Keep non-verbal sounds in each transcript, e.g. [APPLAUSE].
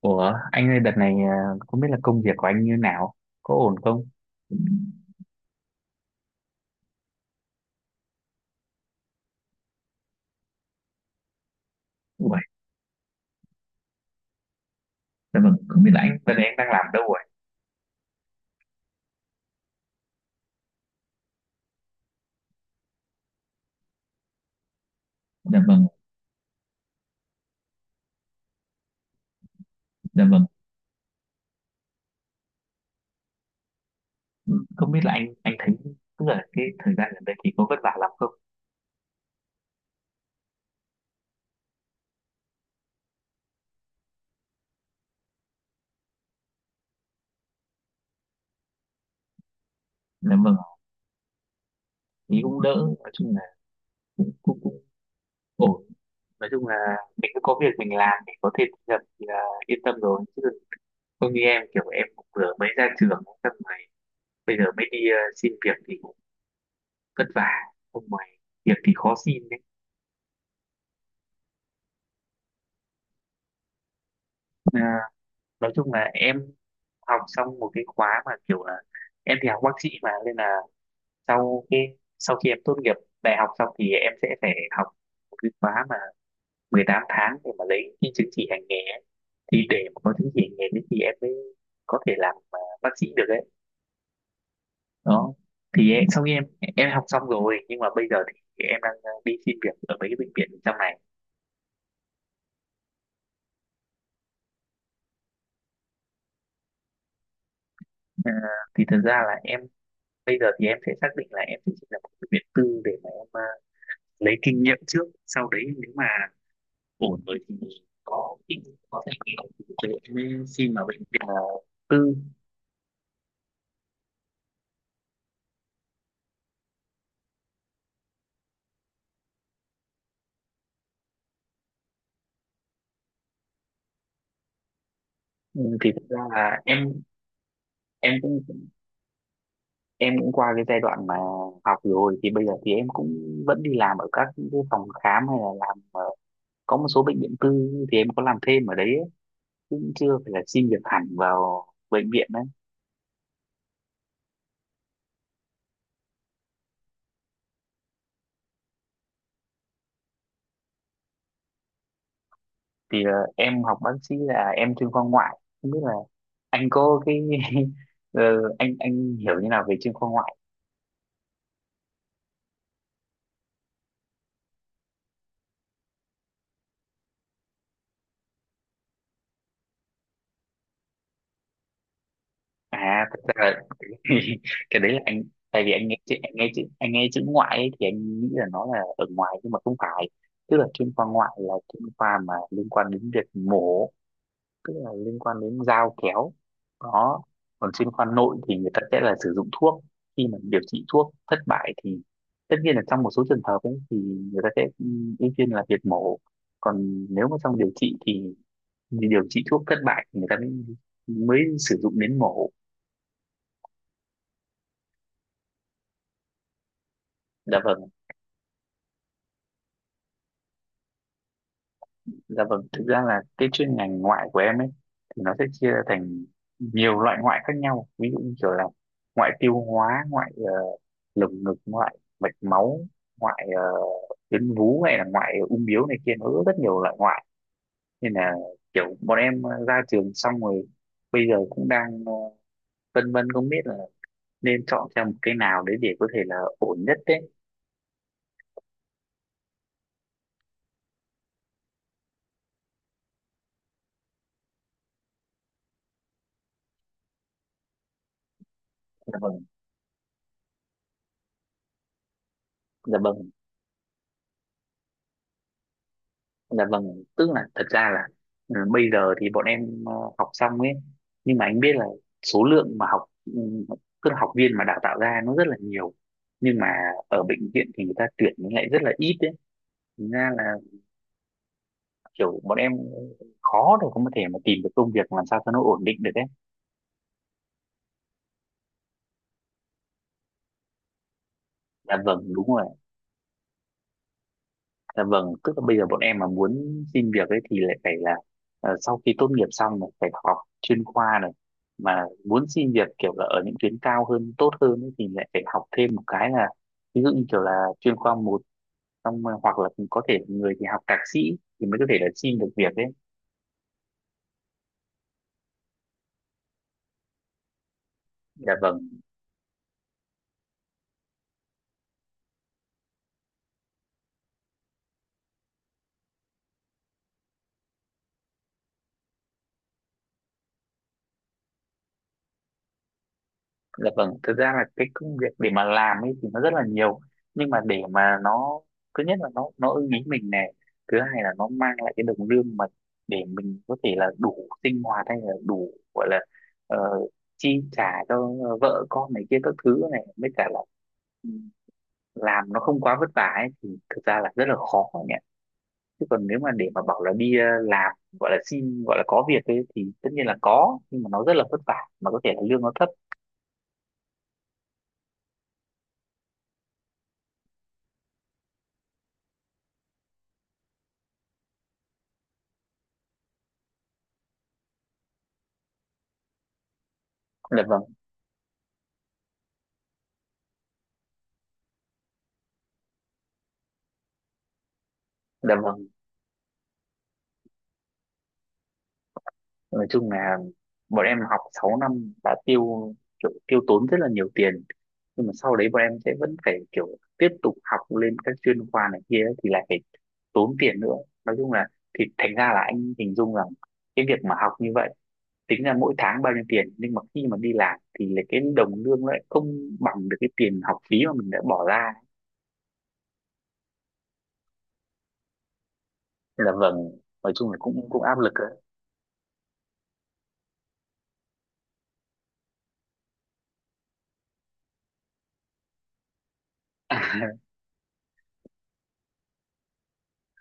Ủa, anh ơi đợt này không biết là công việc của anh như nào, có ổn không? Ủa, dạ vâng, không biết là đợt này anh đang làm đâu rồi? Dạ vâng, dạ vâng, ừ, không biết là anh thấy tức là cái thời gian gần đây thì có vất vả lắm không? Dạ vâng, ý cũng đỡ, nói chung là cũng cũng cũng ổn. Nói chung là mình cứ có việc mình làm thì có thể thu nhập thì là yên tâm rồi. Chứ không như em kiểu em cũng vừa mới ra trường xong rồi bây giờ mới đi xin việc thì cũng vất vả. Không ngoài việc thì khó xin đấy. À, nói chung là em học xong một cái khóa mà kiểu là em thì học bác sĩ mà nên là sau cái sau khi em tốt nghiệp đại học xong thì em sẽ phải học một cái khóa mà 18 tháng để mà lấy cái chứng chỉ hành nghề ấy. Thì để mà có chứng chỉ hành nghề đấy thì em mới có thể làm bác sĩ được ấy đó. Thì sau khi em học xong rồi nhưng mà bây giờ thì em đang đi xin việc ở mấy cái bệnh viện trong này. Ờ, thì thật ra là em bây giờ thì em sẽ xác định là em sẽ xin vào một bệnh viện tư để mà em lấy kinh nghiệm trước sau đấy nếu mà ổn với thì có thể nghĩ thế nên khi mà bệnh viện là tư. Ừ, thì thực ra là em em cũng em cũng qua cái giai đoạn mà học rồi thì bây giờ thì em cũng vẫn đi làm ở các cái phòng khám hay là có một số bệnh viện tư thì em có làm thêm ở đấy ấy, cũng chưa phải là xin việc hẳn vào bệnh viện đấy. Thì em học bác sĩ là em chuyên khoa ngoại không biết là anh có cái [LAUGHS] ờ, anh hiểu như nào về chuyên khoa ngoại. À thật ra là [LAUGHS] cái đấy là anh tại vì anh nghe chữ ngoại ấy, thì anh nghĩ là nó là ở ngoài nhưng mà không phải, tức là chuyên khoa ngoại là chuyên khoa mà liên quan đến việc mổ, tức là liên quan đến dao kéo đó. Còn chuyên khoa nội thì người ta sẽ là sử dụng thuốc. Khi mà điều trị thuốc thất bại thì tất nhiên là trong một số trường hợp ấy, thì người ta sẽ ưu tiên là việc mổ. Còn nếu mà trong điều trị thì điều trị thuốc thất bại thì người ta mới mới sử dụng đến mổ. Dạ vâng. Dạ vâng, thực ra là cái chuyên ngành ngoại của em ấy thì nó sẽ chia ra thành nhiều loại ngoại khác nhau. Ví dụ như kiểu là ngoại tiêu hóa, ngoại lồng ngực, ngoại mạch máu, ngoại tuyến vú hay là ngoại ung bướu này kia nó rất rất nhiều loại ngoại. Nên là kiểu bọn em ra trường xong rồi bây giờ cũng đang vân vân không biết là nên chọn theo một cái nào đấy để có thể là ổn nhất đấy. Dạ vâng, dạ vâng. Dạ vâng, tức là thật ra là bây giờ thì bọn em học xong ấy, nhưng mà anh biết là số lượng mà học tức là học viên mà đào tạo ra nó rất là nhiều. Nhưng mà ở bệnh viện thì người ta tuyển nó lại rất là ít ấy. Thành ra là kiểu bọn em khó để có thể mà tìm được công việc làm sao cho nó ổn định được ấy. Dạ vâng, đúng rồi. Dạ vâng, tức là bây giờ bọn em mà muốn xin việc ấy thì lại phải sau khi tốt nghiệp xong này phải học chuyên khoa này, mà muốn xin việc kiểu là ở những tuyến cao hơn tốt hơn ấy, thì lại phải học thêm một cái là ví dụ như kiểu là chuyên khoa một xong rồi hoặc là có thể người thì học thạc sĩ thì mới có thể là xin được việc ấy. Dạ vâng. Dạ vâng, thực ra là cái công việc để mà làm ấy thì nó rất là nhiều nhưng mà để mà nó thứ nhất là nó ưng ý mình này thứ hai là nó mang lại cái đồng lương mà để mình có thể là đủ sinh hoạt hay là đủ gọi là ờ, chi trả cho vợ con này kia các thứ này mới cả là làm nó không quá vất vả ấy thì thực ra là rất là khó nhỉ, chứ còn nếu mà để mà bảo là đi làm gọi là xin gọi là có việc ấy thì tất nhiên là có nhưng mà nó rất là vất vả mà có thể là lương nó thấp. Dạ vâng. Dạ vâng, nói chung là bọn em học 6 năm đã kiểu tiêu tốn rất là nhiều tiền nhưng mà sau đấy bọn em sẽ vẫn phải kiểu tiếp tục học lên các chuyên khoa này kia ấy, thì lại phải tốn tiền nữa. Nói chung là thì thành ra là anh hình dung rằng cái việc mà học như vậy tính ra mỗi tháng bao nhiêu tiền nhưng mà khi mà đi làm thì lại cái đồng lương lại không bằng được cái tiền học phí mà mình đã bỏ ra. Nên là vâng, nói chung là cũng cũng áp lực đấy.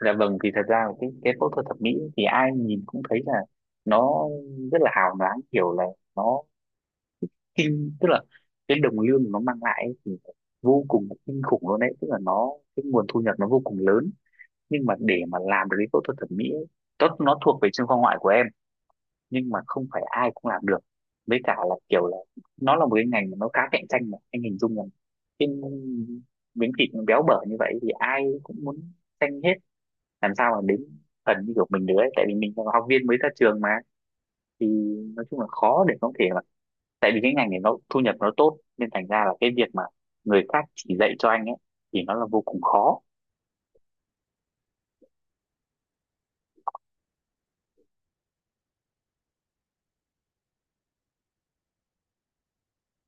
Dạ vâng, thì thật ra là cái phẫu thuật thẩm mỹ thì ai nhìn cũng thấy là nó rất là hào nhoáng kiểu là nó tức là cái đồng lương nó mang lại ấy thì vô cùng kinh khủng luôn đấy tức là nó cái nguồn thu nhập nó vô cùng lớn. Nhưng mà để mà làm được cái phẫu thuật thẩm mỹ ấy, tốt nó thuộc về chuyên khoa ngoại của em nhưng mà không phải ai cũng làm được với cả là kiểu là nó là một cái ngành mà nó khá cạnh tranh mà anh hình dung là cái miếng thịt nó béo bở như vậy thì ai cũng muốn tranh hết làm sao mà đến phần như kiểu mình được ấy tại vì mình là học viên mới ra trường mà. Thì nói chung là khó để có thể mà tại vì cái ngành này nó thu nhập nó tốt nên thành ra là cái việc mà người khác chỉ dạy cho anh ấy thì nó là vô cùng khó.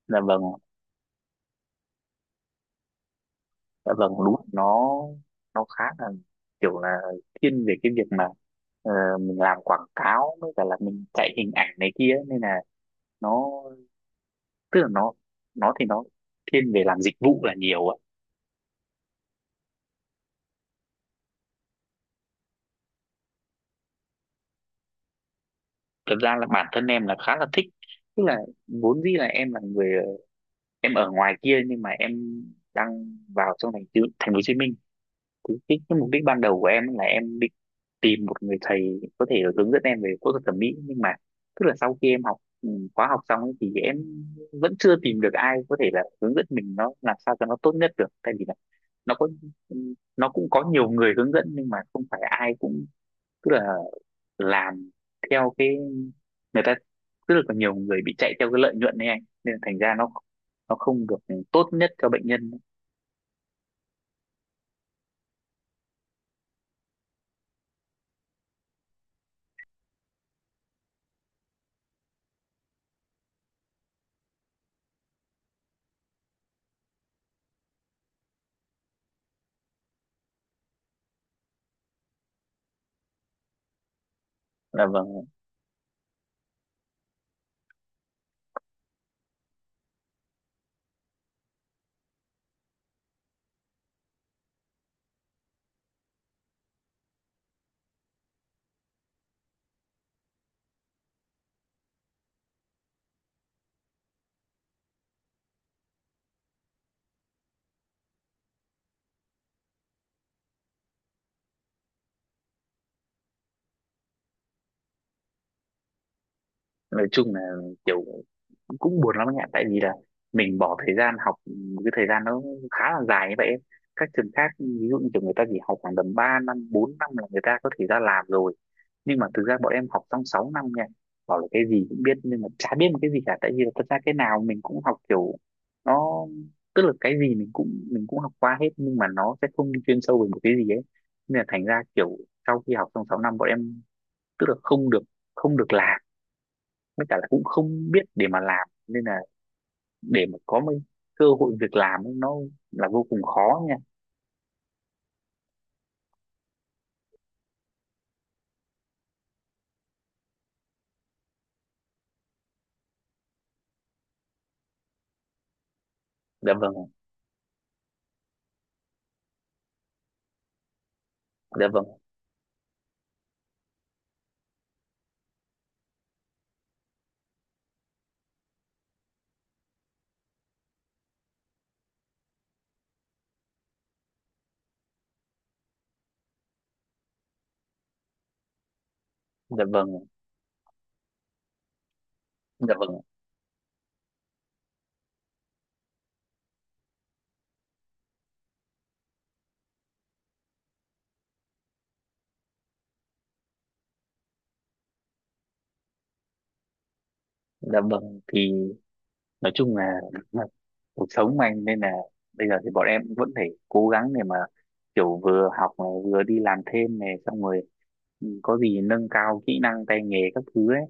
Là vâng ạ. Dạ vâng đúng là nó khá là kiểu là thiên về cái việc mà ờ, mình làm quảng cáo với cả là mình chạy hình ảnh này kia ấy. Nên là nó tức là nó thì nó thiên về làm dịch vụ là nhiều ấy. Thật ra là bản thân em là khá là thích tức là vốn dĩ là em là người em ở ngoài kia nhưng mà em đang vào trong thành phố Hồ Chí Minh. Cái mục đích ban đầu của em là em định tìm một người thầy có thể hướng dẫn em về phẫu thuật thẩm mỹ nhưng mà tức là sau khi em học ừ, khóa học xong ấy, thì em vẫn chưa tìm được ai có thể là hướng dẫn mình nó làm sao cho nó tốt nhất được tại vì là nó có nó cũng có nhiều người hướng dẫn nhưng mà không phải ai cũng tức là làm theo cái người ta rất là còn nhiều người bị chạy theo cái lợi nhuận này anh nên là thành ra nó không được tốt nhất cho bệnh nhân. Là vâng, nói chung là kiểu cũng buồn lắm anh ạ tại vì là mình bỏ thời gian học cái thời gian nó khá là dài như vậy ấy. Các trường khác ví dụ như kiểu người ta chỉ học khoảng tầm 3 năm 4 năm là người ta có thể ra làm rồi nhưng mà thực ra bọn em học trong 6 năm nha, bảo là cái gì cũng biết nhưng mà chả biết một cái gì cả tại vì là thật ra cái nào mình cũng học kiểu nó tức là cái gì mình cũng học qua hết nhưng mà nó sẽ không đi chuyên sâu về một cái gì ấy nên là thành ra kiểu sau khi học trong 6 năm bọn em tức là không được làm với cả là cũng không biết để mà làm nên là để mà có mấy cơ hội việc làm ấy, nó là vô cùng khó nha. Dạ vâng ạ. Dạ vâng. Dạ vâng. Dạ vâng. Dạ vâng thì nói chung là [LAUGHS] là cuộc sống mà anh nên là bây giờ thì bọn em vẫn phải cố gắng để mà kiểu vừa học này vừa đi làm thêm này xong rồi, có gì nâng cao kỹ năng tay nghề các thứ ấy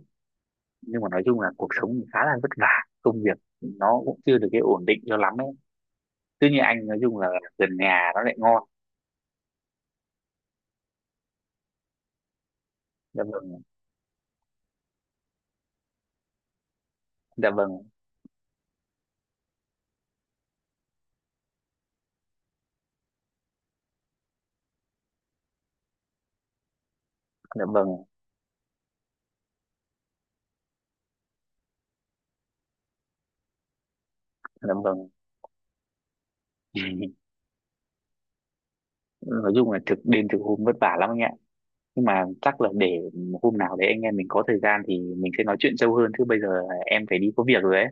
nhưng mà nói chung là cuộc sống thì khá là vất vả công việc nó cũng chưa được cái ổn định cho lắm ấy tuy nhiên anh nói chung là gần nhà nó lại ngon. Dạ vâng. Dạ vâng. Dạ vâng. Dạ vâng. [LAUGHS] Nói chung là thực đêm thực hôm vất vả lắm anh ạ nhưng mà chắc là để hôm nào đấy anh em mình có thời gian thì mình sẽ nói chuyện sâu hơn chứ bây giờ em phải đi có việc rồi ấy.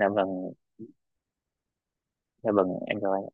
Dạ vâng. Dạ vâng em chào anh.